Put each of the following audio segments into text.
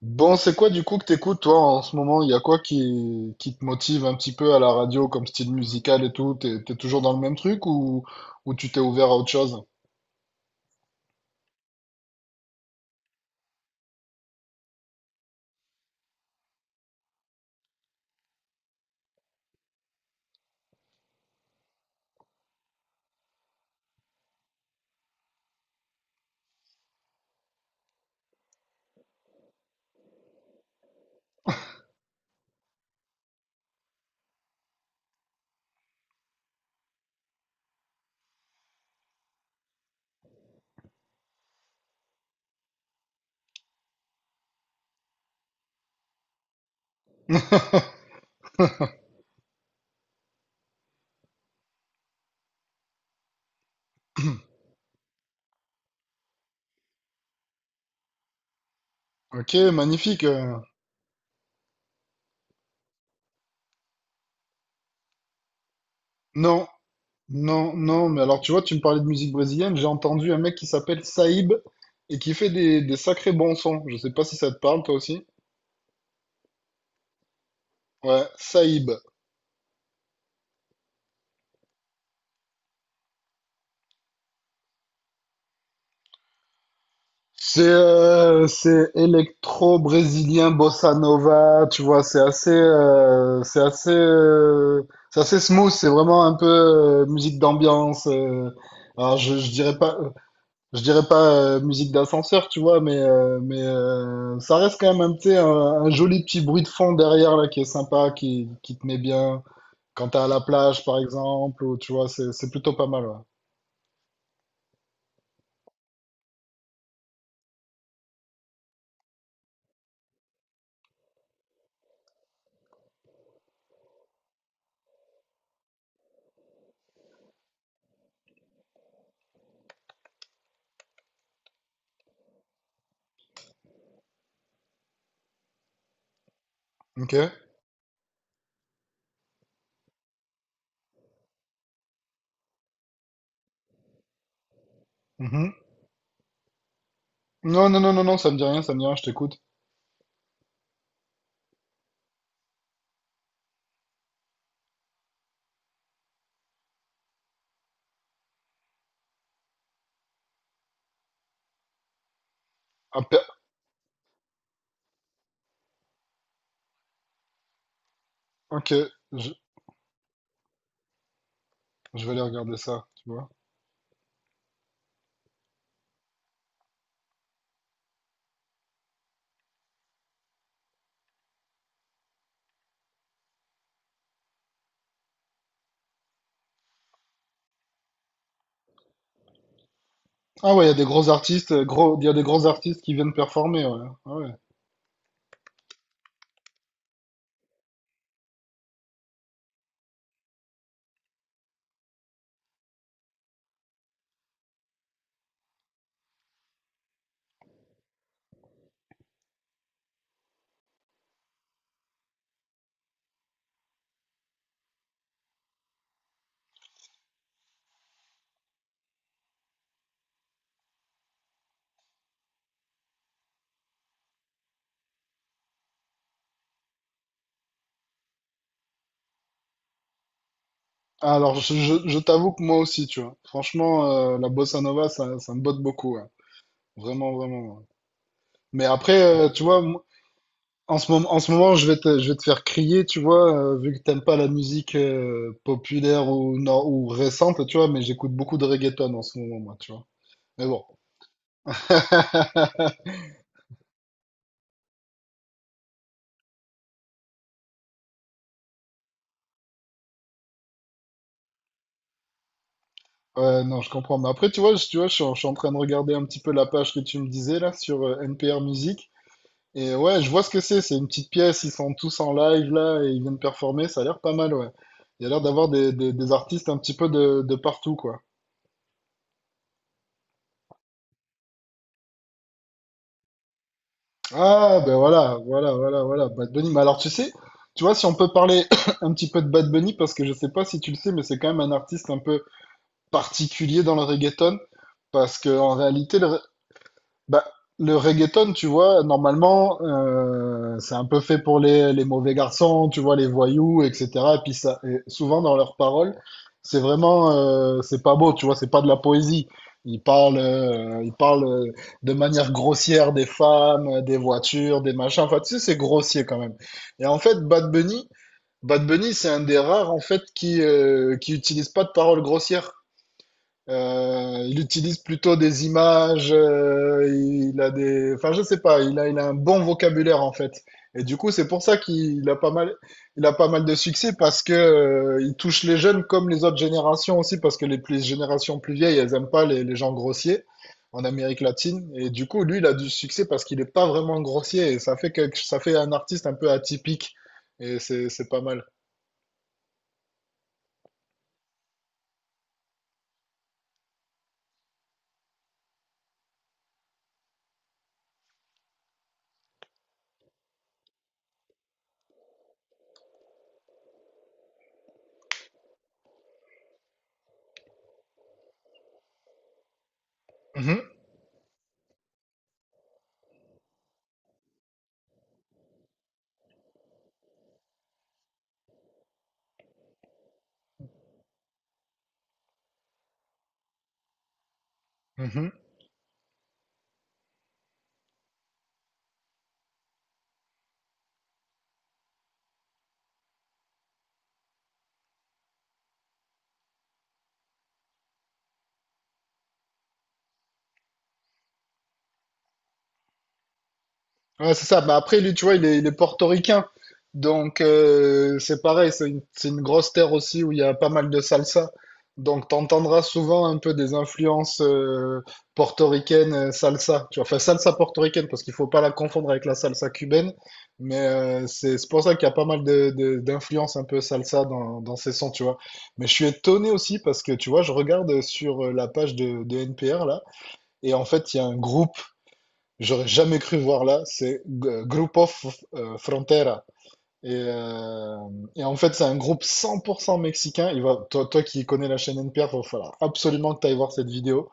Bon, c'est quoi du coup que t'écoutes toi en ce moment? Il y a quoi qui te motive un petit peu à la radio comme style musical et tout? T'es toujours dans le même truc ou tu t'es ouvert à autre chose? Ok, magnifique. Non, non, non, mais alors tu vois, tu me parlais de musique brésilienne, j'ai entendu un mec qui s'appelle Saïb et qui fait des sacrés bons sons. Je sais pas si ça te parle toi aussi. Ouais, Saïb. C'est électro brésilien bossa nova, tu vois, c'est assez smooth, c'est vraiment un peu musique d'ambiance. Alors, je dirais pas musique d'ascenseur, tu vois, mais ça reste quand même un petit un joli petit bruit de fond derrière là qui est sympa, qui te met bien quand t'es à la plage par exemple ou tu vois, c'est plutôt pas mal. Ouais. Ok? Mhm. Non, non, non, non, non, ça me dit rien, ça me dit rien, je t'écoute. Ok, je, je vais aller regarder ça, tu vois. Ah ouais, il y a des gros artistes qui viennent performer, ouais. Ah ouais. Ah, alors, je t'avoue que moi aussi, tu vois. Franchement, la bossa nova, ça me botte beaucoup, ouais. Vraiment, vraiment. Ouais. Mais après, tu vois, moi, en ce moment, je vais te faire crier, tu vois, vu que t'aimes pas la musique populaire ou, nor- ou récente, tu vois, mais j'écoute beaucoup de reggaeton en ce moment, moi, tu vois. Mais bon. Ouais, non, je comprends. Mais après, tu vois, tu vois, je suis en train de regarder un petit peu la page que tu me disais là sur NPR Music. Et ouais, je vois ce que c'est. C'est une petite pièce. Ils sont tous en live là et ils viennent performer. Ça a l'air pas mal, ouais. Il y a l'air d'avoir des artistes un petit peu de partout, quoi. Ah, ben voilà, voilà, voilà, voilà. Bad Bunny. Mais alors, tu sais, tu vois, si on peut parler un petit peu de Bad Bunny, parce que je sais pas si tu le sais, mais c'est quand même un artiste un peu particulier dans le reggaeton. Parce que en réalité, bah, le reggaeton, tu vois, normalement, c'est un peu fait pour les mauvais garçons, tu vois, les voyous, etc. Et puis ça, et souvent dans leurs paroles, c'est vraiment, c'est pas beau, tu vois, c'est pas de la poésie. Ils parlent de manière grossière des femmes, des voitures, des machins. Enfin, tu sais, c'est grossier quand même. Et en fait, Bad Bunny, c'est un des rares en fait qui utilise pas de paroles grossières. Il utilise plutôt des images, enfin je sais pas, il a un bon vocabulaire en fait. Et du coup, c'est pour ça qu'il a pas mal de succès parce que il touche les jeunes comme les autres générations aussi parce que les plus générations plus vieilles, elles aiment pas les gens grossiers en Amérique latine. Et du coup, lui, il a du succès parce qu'il est pas vraiment grossier et ça fait un artiste un peu atypique et c'est pas mal. Mhm, mhm. Ouais, c'est ça. Bah après, lui, tu vois, il est portoricain. Donc, c'est pareil. C'est une grosse terre aussi où il y a pas mal de salsa. Donc, t'entendras souvent un peu des influences portoricaines, salsa. Tu vois, enfin, salsa portoricaine, parce qu'il faut pas la confondre avec la salsa cubaine. Mais c'est pour ça qu'il y a pas mal d'influences un peu salsa dans ces sons, tu vois. Mais je suis étonné aussi parce que, tu vois, je regarde sur la page de NPR, là, et en fait, il y a un groupe j'aurais jamais cru voir là, c'est Grupo Frontera. Et, euh, et, en fait, c'est un groupe 100% mexicain. Toi, toi qui connais la chaîne NPR, il va falloir absolument que tu ailles voir cette vidéo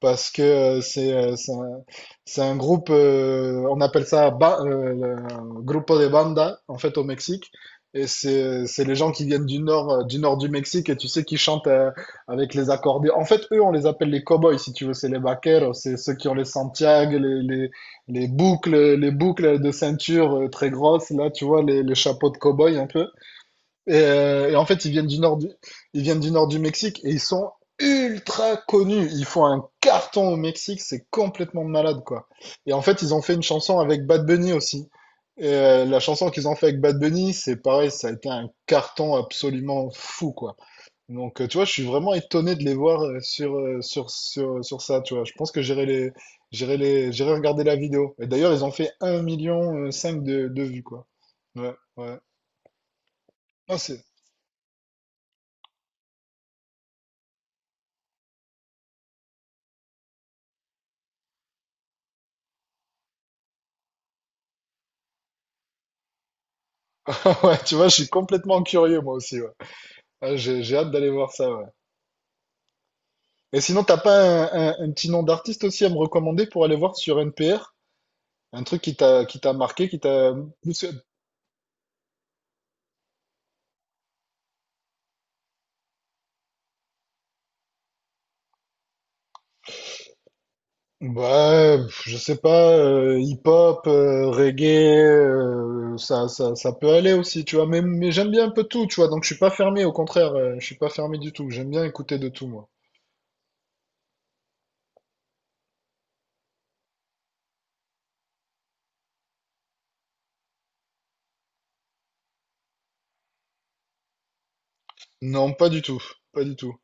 parce que c'est un groupe, on appelle ça le grupo de banda en fait au Mexique. Et c'est les gens qui viennent du nord du Mexique et tu sais qui chantent avec les accordéons. En fait, eux, on les appelle les cowboys si tu veux, c'est les vaqueros, c'est ceux qui ont les Santiago, les boucles de ceinture très grosses là, tu vois les chapeaux de cowboy un peu. Et, en fait, ils viennent du nord du Mexique et ils sont ultra connus. Ils font un carton au Mexique, c'est complètement malade, quoi. Et en fait, ils ont fait une chanson avec Bad Bunny aussi. La chanson qu'ils ont fait avec Bad Bunny, c'est pareil, ça a été un carton absolument fou, quoi. Donc, tu vois, je suis vraiment étonné de les voir sur ça, tu vois. Je pense que j'irai regarder la vidéo. Et d'ailleurs, ils ont fait un million cinq de vues, quoi. Ouais, ouais. Non, Ouais, tu vois, je suis complètement curieux moi aussi. Ouais. Ah, j'ai hâte d'aller voir ça. Ouais. Et sinon, t'as pas un petit nom d'artiste aussi à me recommander pour aller voir sur NPR? Un truc qui t'a marqué, qui t'a plus. Ouais, pff, je sais pas, hip-hop, reggae, ça peut aller aussi, tu vois. Mais j'aime bien un peu tout, tu vois. Donc je suis pas fermé, au contraire, je suis pas fermé du tout. J'aime bien écouter de tout, moi. Non, pas du tout, pas du tout.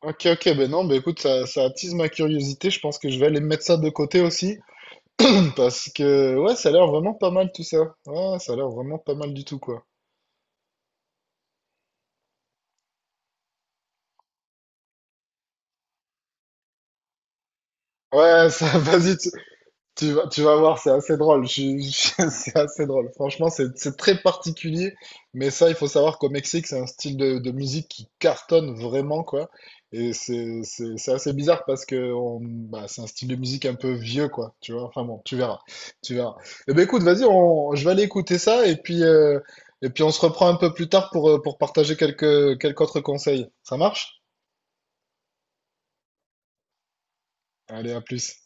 Ok, ok, ben non, ben écoute, ça attise ma curiosité. Je pense que je vais aller mettre ça de côté aussi. Parce que ouais, ça a l'air vraiment pas mal tout ça. Ouais, ça a l'air vraiment pas mal du tout quoi. Ouais, ça, vas-y, Tu vas voir, c'est assez drôle. C'est assez drôle. Franchement, c'est très particulier. Mais ça, il faut savoir qu'au Mexique, c'est un style de musique qui cartonne vraiment, quoi. Et c'est assez bizarre parce que bah, c'est un style de musique un peu vieux, quoi. Tu vois? Enfin bon, tu verras. Tu verras. Eh ben écoute, vas-y, je vais aller écouter ça et puis on se reprend un peu plus tard pour partager quelques autres conseils. Ça marche? Allez, à plus.